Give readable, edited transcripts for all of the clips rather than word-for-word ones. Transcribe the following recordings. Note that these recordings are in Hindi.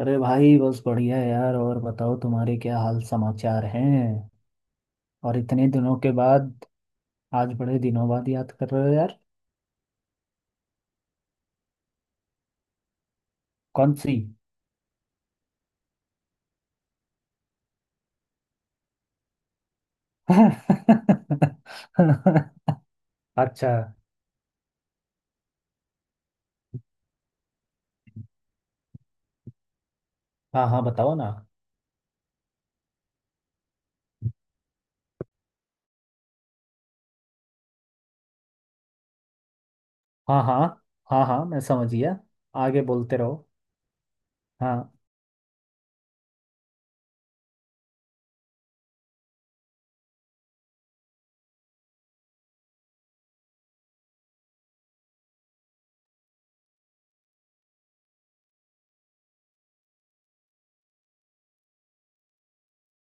अरे भाई बस बढ़िया है यार। और बताओ तुम्हारे क्या हाल समाचार हैं। और इतने दिनों के बाद आज बड़े दिनों बाद याद कर रहे हो यार। कौन सी। अच्छा। हाँ हाँ बताओ ना। हाँ हाँ। हाँ हाँ मैं समझ गया। आगे बोलते रहो। हाँ।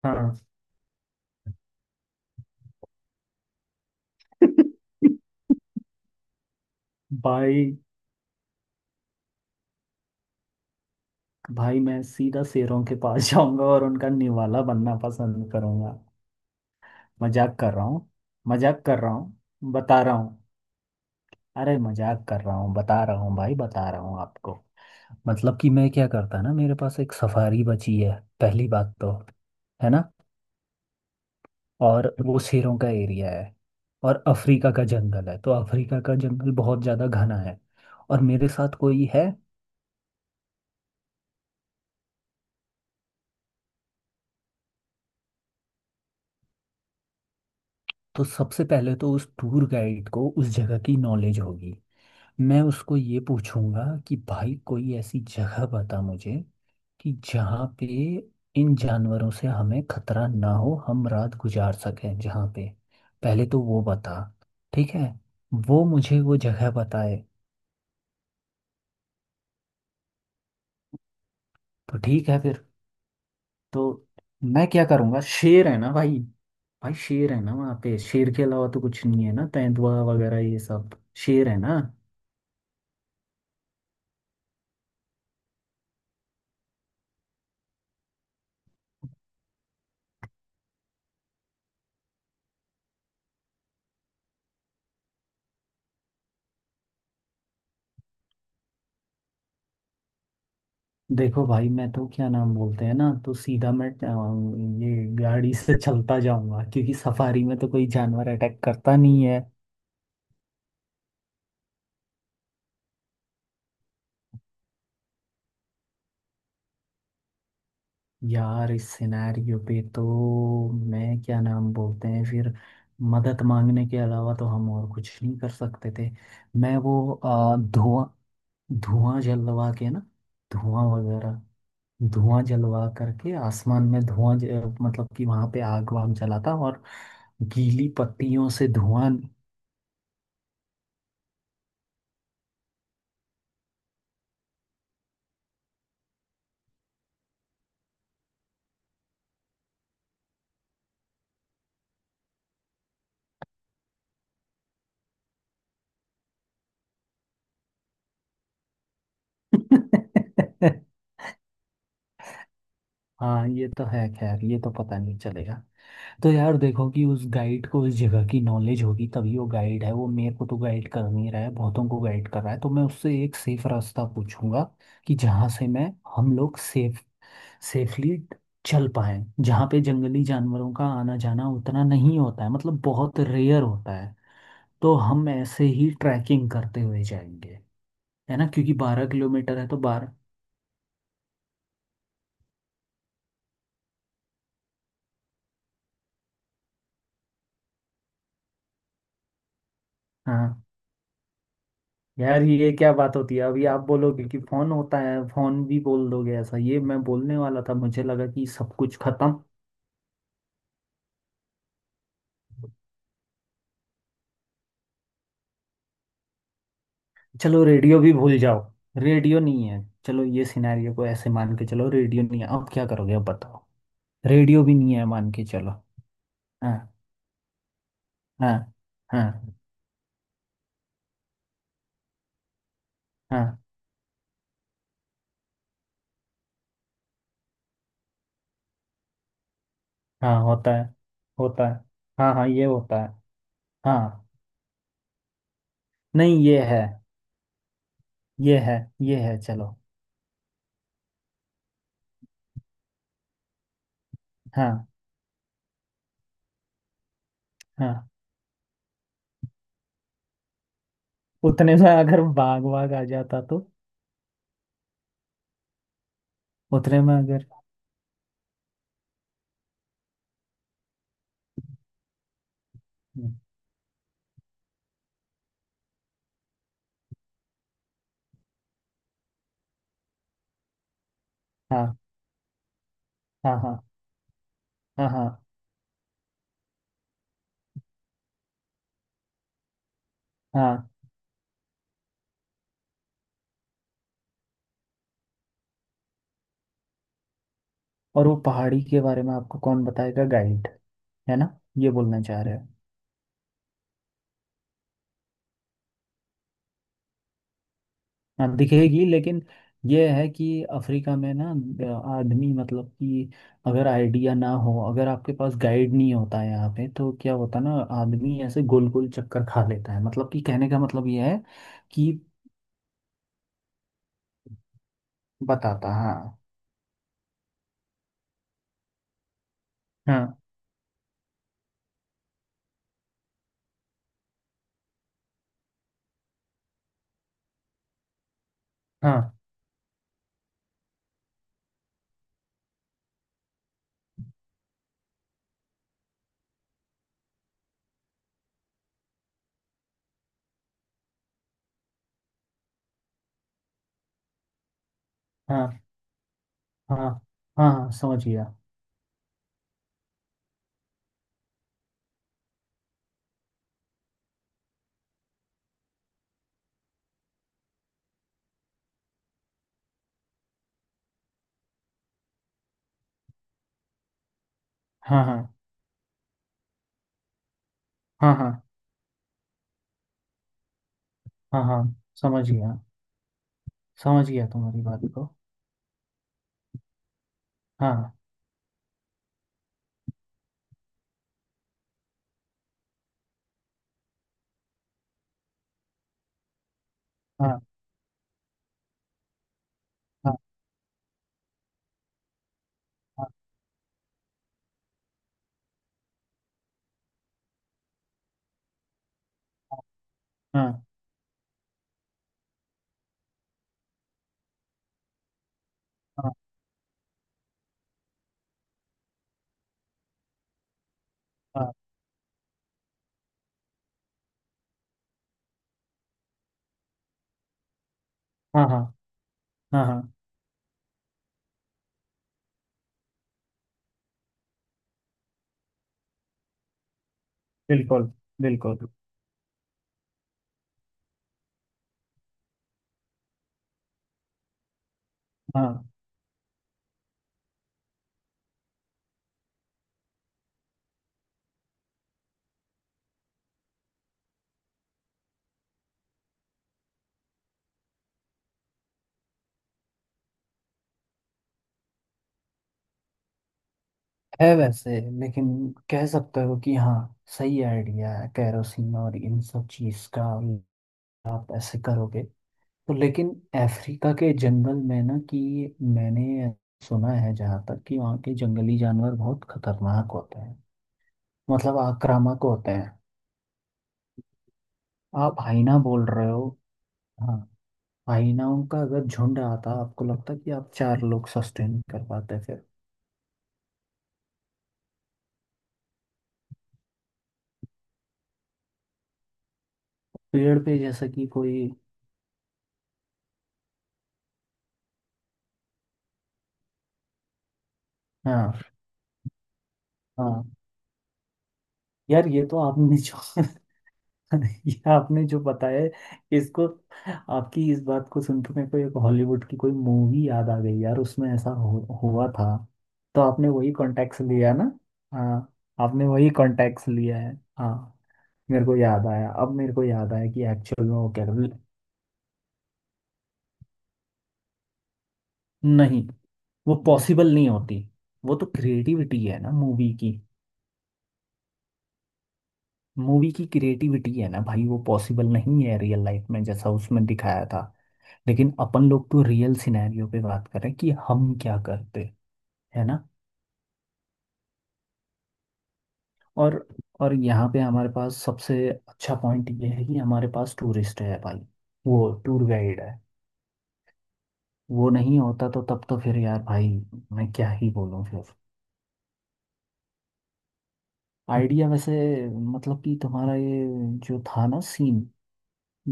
हाँ। भाई। भाई मैं सीधा शेरों के पास जाऊंगा और उनका निवाला बनना पसंद करूंगा। मजाक कर रहा हूँ। मजाक कर रहा हूँ बता रहा हूँ। अरे मजाक कर रहा हूँ बता रहा हूँ भाई बता रहा हूँ आपको। मतलब कि मैं क्या करता ना, मेरे पास एक सफारी बची है। पहली बात तो, है ना। और वो शेरों का एरिया है। और अफ्रीका का जंगल है, तो अफ्रीका का जंगल बहुत ज़्यादा घना है। और मेरे साथ कोई है। तो सबसे पहले तो उस टूर गाइड को उस जगह की नॉलेज होगी। मैं उसको ये पूछूंगा कि भाई कोई ऐसी जगह बता मुझे, कि जहाँ पे इन जानवरों से हमें खतरा ना हो, हम रात गुजार सकें जहाँ पे। पहले तो वो बता। ठीक है। वो मुझे वो जगह बताए। तो ठीक है फिर। तो मैं क्या करूँगा, शेर है ना भाई। भाई शेर है ना, वहाँ पे शेर के अलावा तो कुछ नहीं है ना, तेंदुआ वगैरह ये सब। शेर है ना। देखो भाई मैं तो क्या नाम बोलते हैं ना, तो सीधा मैं ये गाड़ी से चलता जाऊंगा क्योंकि सफारी में तो कोई जानवर अटैक करता नहीं है। यार इस सिनेरियो पे तो मैं क्या नाम बोलते हैं फिर मदद मांगने के अलावा तो हम और कुछ नहीं कर सकते थे। मैं वो धुआं, धुआं जलवा के ना। धुआं वगैरह। धुआं जलवा करके आसमान में धुआं मतलब कि वहां पे आग वाग जलाता, और गीली पत्तियों से धुआं। हाँ ये तो है, खैर ये तो पता नहीं चलेगा। तो यार देखो कि उस गाइड को उस जगह की नॉलेज होगी, तभी वो गाइड है। वो मेरे को तो गाइड कर नहीं रहा है, बहुतों को गाइड कर रहा है। तो मैं उससे एक सेफ रास्ता पूछूंगा, कि जहाँ से मैं, हम लोग सेफ, सेफली चल पाए, जहाँ पे जंगली जानवरों का आना जाना उतना नहीं होता है, मतलब बहुत रेयर होता है। तो हम ऐसे ही ट्रैकिंग करते हुए जाएंगे। है ना, क्योंकि 12 किलोमीटर है तो 12। हाँ। यार ये क्या बात होती है, अभी आप बोलोगे कि फोन होता है, फोन भी बोल दोगे ऐसा, ये मैं बोलने वाला था, मुझे लगा कि सब कुछ खत्म। चलो रेडियो भी भूल जाओ, रेडियो नहीं है। चलो ये सिनेरियो को ऐसे मान के चलो, रेडियो नहीं है, अब क्या करोगे, अब बताओ। रेडियो भी नहीं है मान के चलो। हाँ। हाँ। हाँ। हाँ। हाँ होता है। होता है। हाँ हाँ ये होता है। हाँ। नहीं ये है। ये है। ये है चलो। हाँ। हाँ उतने में अगर बाग बाग आ जाता तो। उतने में अगर। हाँ हाँ। हाँ हाँ। हाँ। हाँ। और वो पहाड़ी के बारे में आपको कौन बताएगा, गाइड। है ना, ये बोलना चाह रहे हो। हाँ दिखेगी लेकिन। ये है कि अफ्रीका में ना, आदमी मतलब कि, अगर आइडिया ना हो, अगर आपके पास गाइड नहीं होता है यहाँ पे, तो क्या होता है ना, आदमी ऐसे गोल गोल चक्कर खा लेता है, मतलब कि कहने का मतलब ये है कि बताता। हाँ। हाँ। हाँ। हाँ। हाँ। हाँ। हाँ समझ गया। हाँ। हाँ। हाँ। हाँ। हाँ। हाँ समझ गया। समझ गया तुम्हारी बात को। हाँ। हाँ। हाँ। हाँ। हाँ। हाँ। हाँ। हाँ। हाँ। हाँ। हाँ, बिल्कुल बिल्कुल। हाँ है वैसे। लेकिन कह सकते हो कि हाँ, सही आइडिया है, कैरोसिन और इन सब चीज़ का। आप ऐसे करोगे तो, लेकिन अफ्रीका के जंगल में ना कि, मैंने सुना है जहाँ तक कि वहाँ के जंगली जानवर बहुत खतरनाक होते हैं, मतलब आक्रामक होते हैं। आप हाइना बोल रहे हो। हाँ। हाइनाओं का अगर झुंड आता, आपको लगता कि आप चार लोग सस्टेन कर पाते फिर। पेड़ पे जैसा कि कोई। हाँ। हाँ। यार ये तो आपने जो ये आपने जो बताया है, इसको, आपकी इस बात को सुन के मेरे को एक हॉलीवुड की कोई मूवी याद आ गई यार, उसमें ऐसा हुआ था। तो आपने वही कॉन्टेक्ट लिया ना। हाँ। आपने वही कॉन्टेक्ट लिया है। हाँ। मेरे को याद आया, अब मेरे को याद आया कि एक्चुअल में वो क्या। नहीं, वो पॉसिबल नहीं होती। वो तो क्रिएटिविटी है ना मूवी की। मूवी की क्रिएटिविटी है ना भाई, वो पॉसिबल नहीं है रियल लाइफ में जैसा उसमें दिखाया था। लेकिन अपन लोग तो रियल सिनेरियो पे बात करें कि हम क्या करते, है ना। और और यहाँ पे हमारे पास सबसे अच्छा पॉइंट ये है कि हमारे पास टूरिस्ट है भाई, वो टूर गाइड है। वो नहीं होता तो तब तो फिर यार भाई मैं क्या ही बोलूँ फिर। आइडिया वैसे मतलब कि, तुम्हारा ये जो था ना सीन,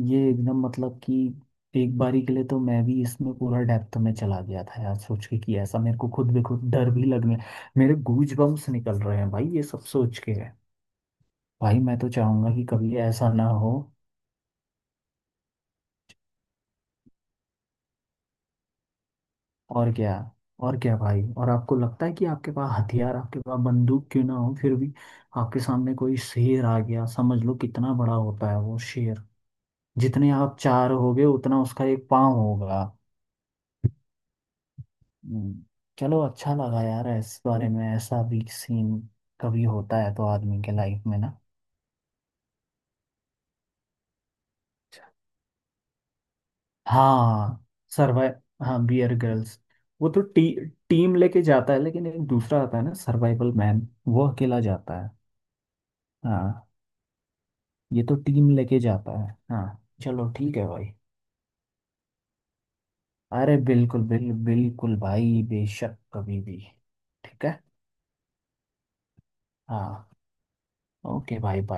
ये एकदम मतलब कि, एक बारी के लिए तो मैं भी इसमें पूरा डेप्थ में चला गया था यार, सोच के कि ऐसा, मेरे को खुद बेखुद डर भी लगने। मेरे गूज बम्स निकल रहे हैं भाई ये सब सोच के। भाई मैं तो चाहूंगा कि कभी ऐसा ना हो। और क्या। और क्या भाई, और आपको लगता है कि आपके पास हथियार, आपके पास बंदूक क्यों ना हो फिर भी, आपके सामने कोई शेर आ गया, समझ लो कितना बड़ा होता है वो शेर। जितने आप चार होगे उतना उसका एक पाँव होगा। हम्म। चलो अच्छा लगा यार, इस बारे में ऐसा भी सीन कभी होता है तो आदमी के लाइफ में ना। हाँ। सर्वाइव। हाँ बियर गर्ल्स। वो तो टीम लेके जाता है, लेकिन एक दूसरा आता है ना सर्वाइवल मैन, वो अकेला जाता है। हाँ। ये तो टीम लेके जाता है हाँ। चलो ठीक है भाई। अरे बिल्कुल बिल्कुल बिल्कुल भाई, बेशक कभी भी। ठीक है। हाँ। ओके भाई।